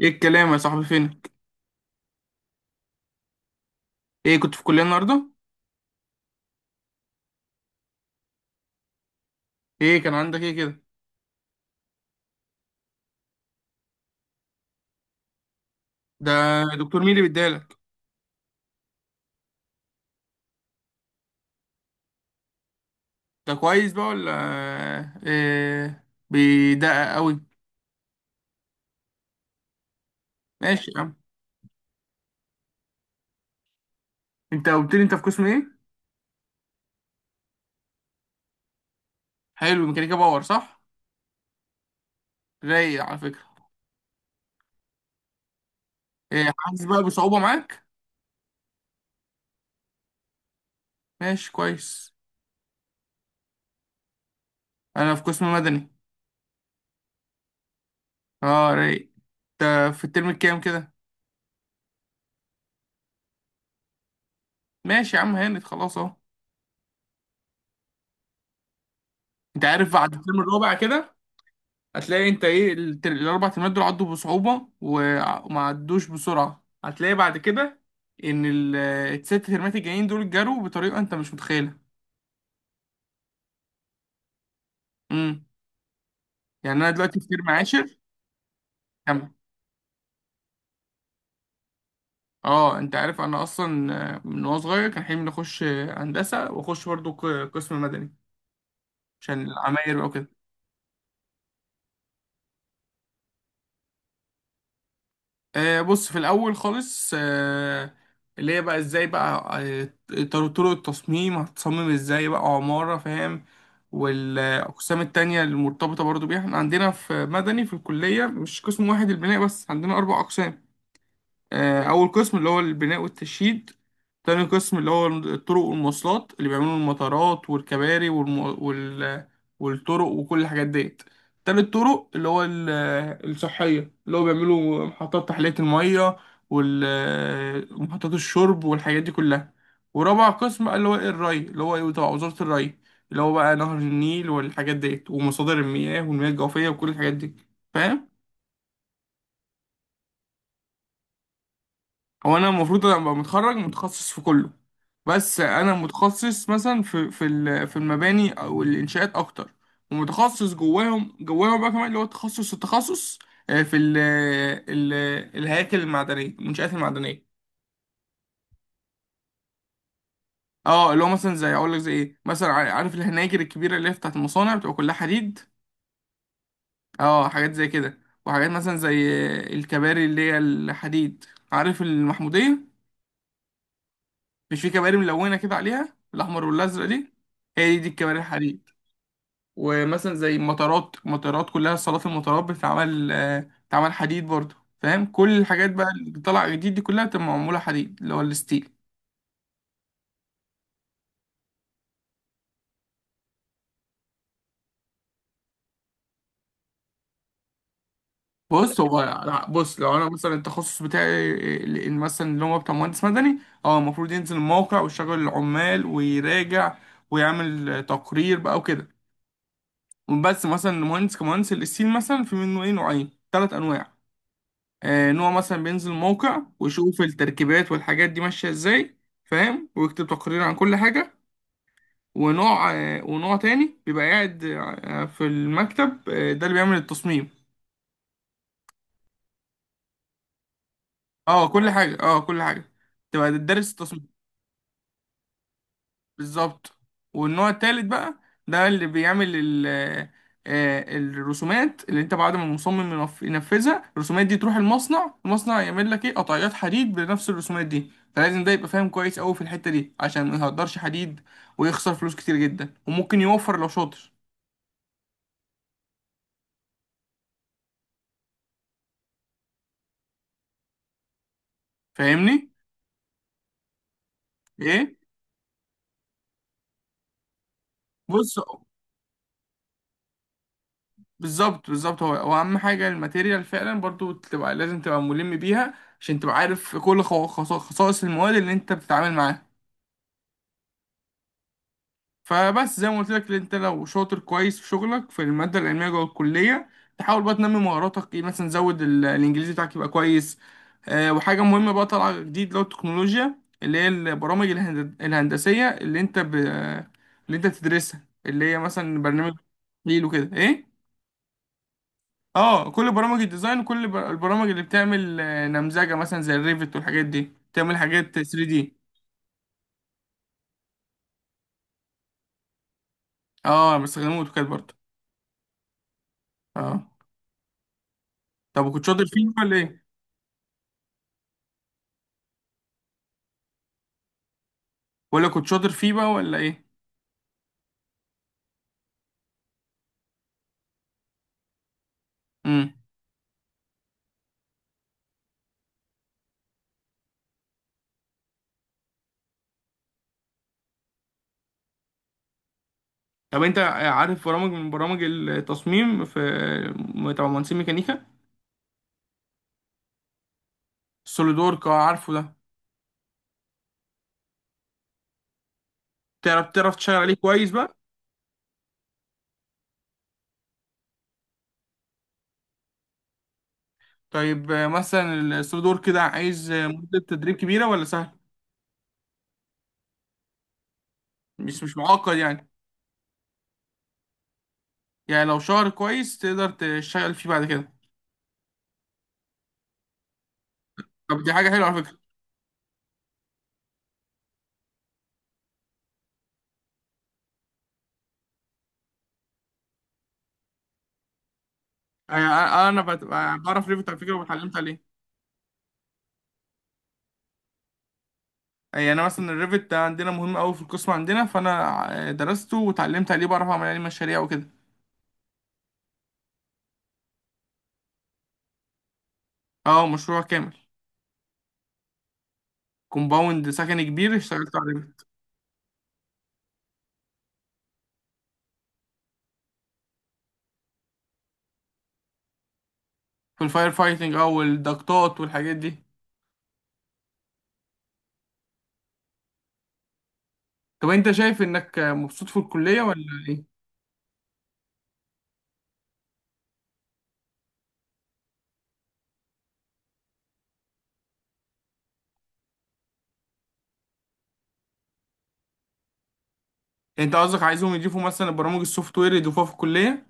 ايه الكلام يا صاحبي، فينك؟ ايه، كنت في الكليه النهارده؟ ايه كان عندك ايه كده؟ ده، دكتور مين اللي بيديلك؟ ده كويس بقى ولا ايه، بيدقق قوي؟ ماشي يا عم. انت قلت لي انت في قسم ايه؟ حلو، ميكانيكا باور صح؟ رايق على فكره. ايه، حاسس بقى بصعوبه معاك؟ ماشي كويس. انا في قسم مدني. اه، رايق. انت في الترم الكام كده؟ ماشي يا عم، هانت خلاص اهو. انت عارف بعد الترم الرابع كده، هتلاقي انت ايه، الاربع ترمات دول عدوا بصعوبة وما عدوش بسرعة، هتلاقي بعد كده ان الست ترمات الجايين دول جروا بطريقة انت مش متخيلها. امم يعني انا دلوقتي في ترم عاشر. كم؟ اه، انت عارف انا اصلا، من وانا صغير كان حلمي اني اخش، هندسة، واخش برضو قسم مدني عشان العماير بقى وكده. بص، في الاول خالص، اللي هي بقى ازاي بقى، طرق التصميم هتصمم ازاي بقى عمارة، فاهم؟ والاقسام التانية المرتبطة برضو بيها، احنا عندنا في مدني في الكلية مش قسم واحد البناء بس، عندنا اربع اقسام. أول قسم اللي هو البناء والتشييد. تاني قسم اللي هو الطرق والمواصلات، اللي بيعملوا المطارات والكباري والطرق وكل الحاجات ديت. تالت طرق اللي هو الصحية، اللي هو بيعملوا محطات تحلية المية ومحطات الشرب والحاجات دي كلها. ورابع قسم بقى اللي هو الري، اللي هو تبع وزارة الري، اللي هو بقى نهر النيل والحاجات ديت، ومصادر المياه والمياه الجوفية وكل الحاجات دي. فاهم؟ هو انا المفروض ابقى متخرج متخصص في كله، بس انا متخصص مثلا في المباني او الانشاءات اكتر، ومتخصص جواهم جواهم بقى كمان اللي هو تخصص التخصص، في ال ال الهياكل المعدنيه، المنشآت المعدنيه. اه، اللي هو مثلا زي اقول لك زي ايه، مثلا عارف الهناجر الكبيره اللي هي بتاعت المصانع بتبقى كلها حديد. اه، حاجات زي كده. وحاجات مثلا زي الكباري اللي هي الحديد. عارف المحموديه؟ مش في كباري ملونة كده عليها الأحمر والأزرق دي؟ هي دي, الكباري الحديد. ومثلا زي مطارات، مطارات كلها صالات المطارات بتتعمل، بتتعمل حديد برضه. فاهم كل الحاجات بقى اللي طالعة جديد دي كلها بتبقى معمولة حديد، اللي هو الستيل. بص، هو لا، بص لو انا مثلا التخصص بتاعي مثلا اللي هو بتاع مهندس مدني، اه المفروض ينزل الموقع ويشغل العمال ويراجع ويعمل تقرير بقى وكده. بس مثلا المهندس، كمهندس الستيل مثلا، في منه ايه، نوعين ثلاث انواع. ان هو مثلا بينزل موقع ويشوف التركيبات والحاجات دي ماشيه ازاي، فاهم، ويكتب تقرير عن كل حاجه. ونوع تاني بيبقى قاعد في المكتب، ده اللي بيعمل التصميم. اه كل حاجه، اه كل حاجه، تبقى دارس التصميم. بالظبط. والنوع التالت بقى، ده اللي بيعمل الرسومات، اللي انت بعد ما المصمم ينفذها، الرسومات دي تروح المصنع، المصنع يعمل لك ايه، قطعيات حديد بنفس الرسومات دي. فلازم ده يبقى فاهم كويس قوي في الحتة دي عشان ما يهدرش حديد ويخسر فلوس كتير جدا، وممكن يوفر لو شاطر. فاهمني؟ ايه. بص، بالظبط بالظبط، هو اهم حاجة الماتيريال فعلا برضو، تبقى لازم تبقى ملم بيها عشان تبقى عارف كل خصائص المواد اللي انت بتتعامل معاها. فبس زي ما قلت لك، انت لو شاطر كويس في شغلك في الماده العلميه جوه الكليه، تحاول بقى تنمي مهاراتك، ايه مثلا، زود الانجليزي بتاعك يبقى كويس. وحاجه مهمه بقى طالعه جديد، اللي هو التكنولوجيا، اللي هي البرامج الهندسيه، اللي انت تدرسها، اللي هي مثلا برنامج تحليل وكده، ايه، اه كل برامج الديزاين وكل البرامج اللي بتعمل نمذجه، مثلا زي الريفت والحاجات دي تعمل حاجات 3D. اه، بستخدمه اوتوكاد برضه. اه. طب وكنت شاطر فيه ولا ايه؟ ولا كنت شاطر فيه بقى ولا ايه؟ امم طب انت عارف برامج من برامج التصميم، في تبع مهندسين ميكانيكا؟ سوليدورك، اه عارفه ده. تعرف تشتغل عليه كويس بقى؟ طيب، مثلا السوليدورك ده عايز مدة تدريب كبيرة ولا سهل؟ مش معقد يعني؟ يعني لو شهر كويس تقدر تشتغل فيه بعد كده؟ طب دي حاجة حلوة على فكرة. انا انا بت- بعرف ريفت على فكرة واتعلمت عليه. يعني انا مثلا الريفت ده عندنا مهم قوي في القسم عندنا، فانا درسته واتعلمت عليه، بعرف اعمل عليه مشاريع وكده. اه، مشروع كامل، كومباوند سكني كبير اشتغلت عليه. في الفاير فايتنج او الضغطات والحاجات دي. طب انت شايف انك مبسوط في الكليه ولا؟ ايه يعني؟ انت قصدك عايزهم يضيفوا مثلا برامج السوفت وير، يضيفوها في الكليه؟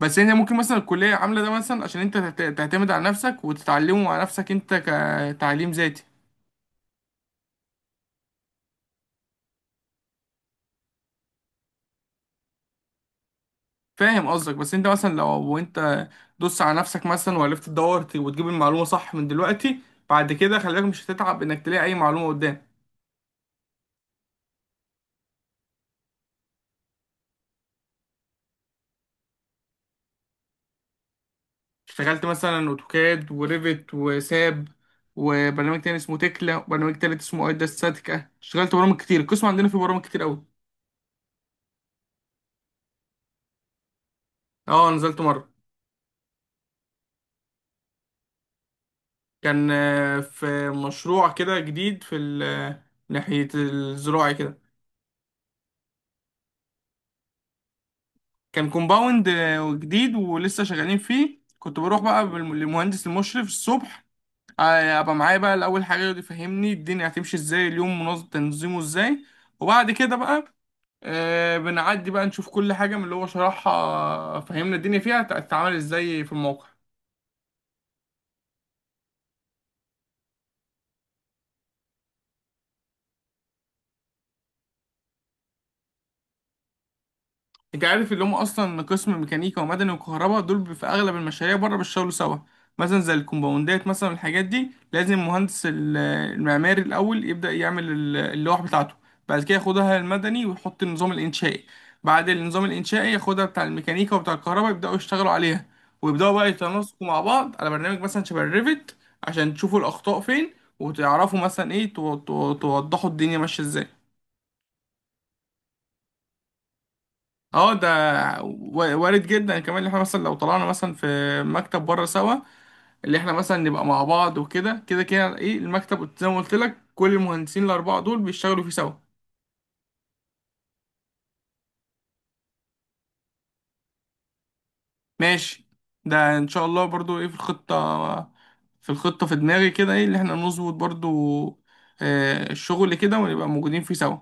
بس انت ممكن مثلا الكليه عامله ده مثلا عشان انت تعتمد على نفسك وتتعلمه مع نفسك انت، كتعليم ذاتي. فاهم قصدك، بس انت مثلا لو انت دوس على نفسك مثلا وعرفت تدور وتجيب المعلومه صح من دلوقتي، بعد كده خلي بالك مش هتتعب انك تلاقي اي معلومه قدام. اشتغلت مثلا اوتوكاد وريفت وساب، وبرنامج تاني اسمه تكلا، وبرنامج تالت اسمه ايدا ستاتيكا، اشتغلت برامج كتير، القسم عندنا فيه برامج كتير قوي. اه، نزلت مرة. كان في مشروع كده جديد، في ناحية الزراعي كده. كان كومباوند جديد ولسه شغالين فيه، كنت بروح بقى للمهندس المشرف الصبح، ابقى معايا بقى الاول حاجة، يقعد يفهمني الدنيا هتمشي ازاي، اليوم منظم تنظيمه ازاي، وبعد كده بقى بنعدي بقى نشوف كل حاجة من اللي هو شرحها، فهمنا الدنيا فيها تتعامل ازاي في الموقع. انت عارف اللي هم اصلا قسم ميكانيكا ومدني وكهرباء دول، في اغلب المشاريع بره بيشتغلوا سوا. مثلا زي الكومباوندات، مثلا الحاجات دي لازم مهندس المعماري الاول يبدا يعمل اللوح بتاعته، بعد كده ياخدها المدني ويحط النظام الانشائي، بعد النظام الانشائي ياخدها بتاع الميكانيكا وبتاع الكهرباء، يبداوا يشتغلوا عليها ويبداوا بقى يتناسقوا مع بعض على برنامج مثلا شبه الريفت، عشان تشوفوا الاخطاء فين، وتعرفوا مثلا ايه، توضحوا الدنيا ماشيه ازاي. اه ده وارد جدا، كمان ان احنا مثلا لو طلعنا مثلا في مكتب بره سوا، اللي احنا مثلا نبقى مع بعض وكده كده كده، ايه المكتب زي ما قلت لك، كل المهندسين الاربعه دول بيشتغلوا فيه سوا. ماشي، ده ان شاء الله برضو ايه في الخطه، في الخطه في دماغي كده، ايه اللي احنا نظبط برضو الشغل كده، ونبقى موجودين فيه سوا.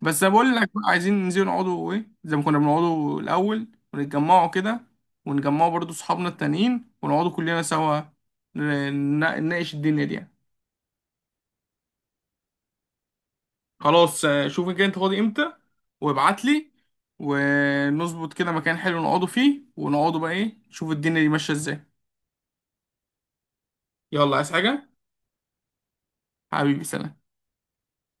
بس أنا بقول لك بقى، عايزين ننزل نقعدوا ايه زي ما كنا بنقعدوا الاول، ونتجمعوا كده، ونجمعوا برضو صحابنا التانيين ونقعدوا كلنا سوا، ن- نناقش الدنيا دي يعني. خلاص، شوف كده انت فاضي امتى وابعت لي، ونظبط كده مكان حلو نقعدوا فيه، ونقعدوا بقى ايه، نشوف الدنيا دي ماشية ازاي. يلا، عايز حاجة؟ حبيبي، سلام.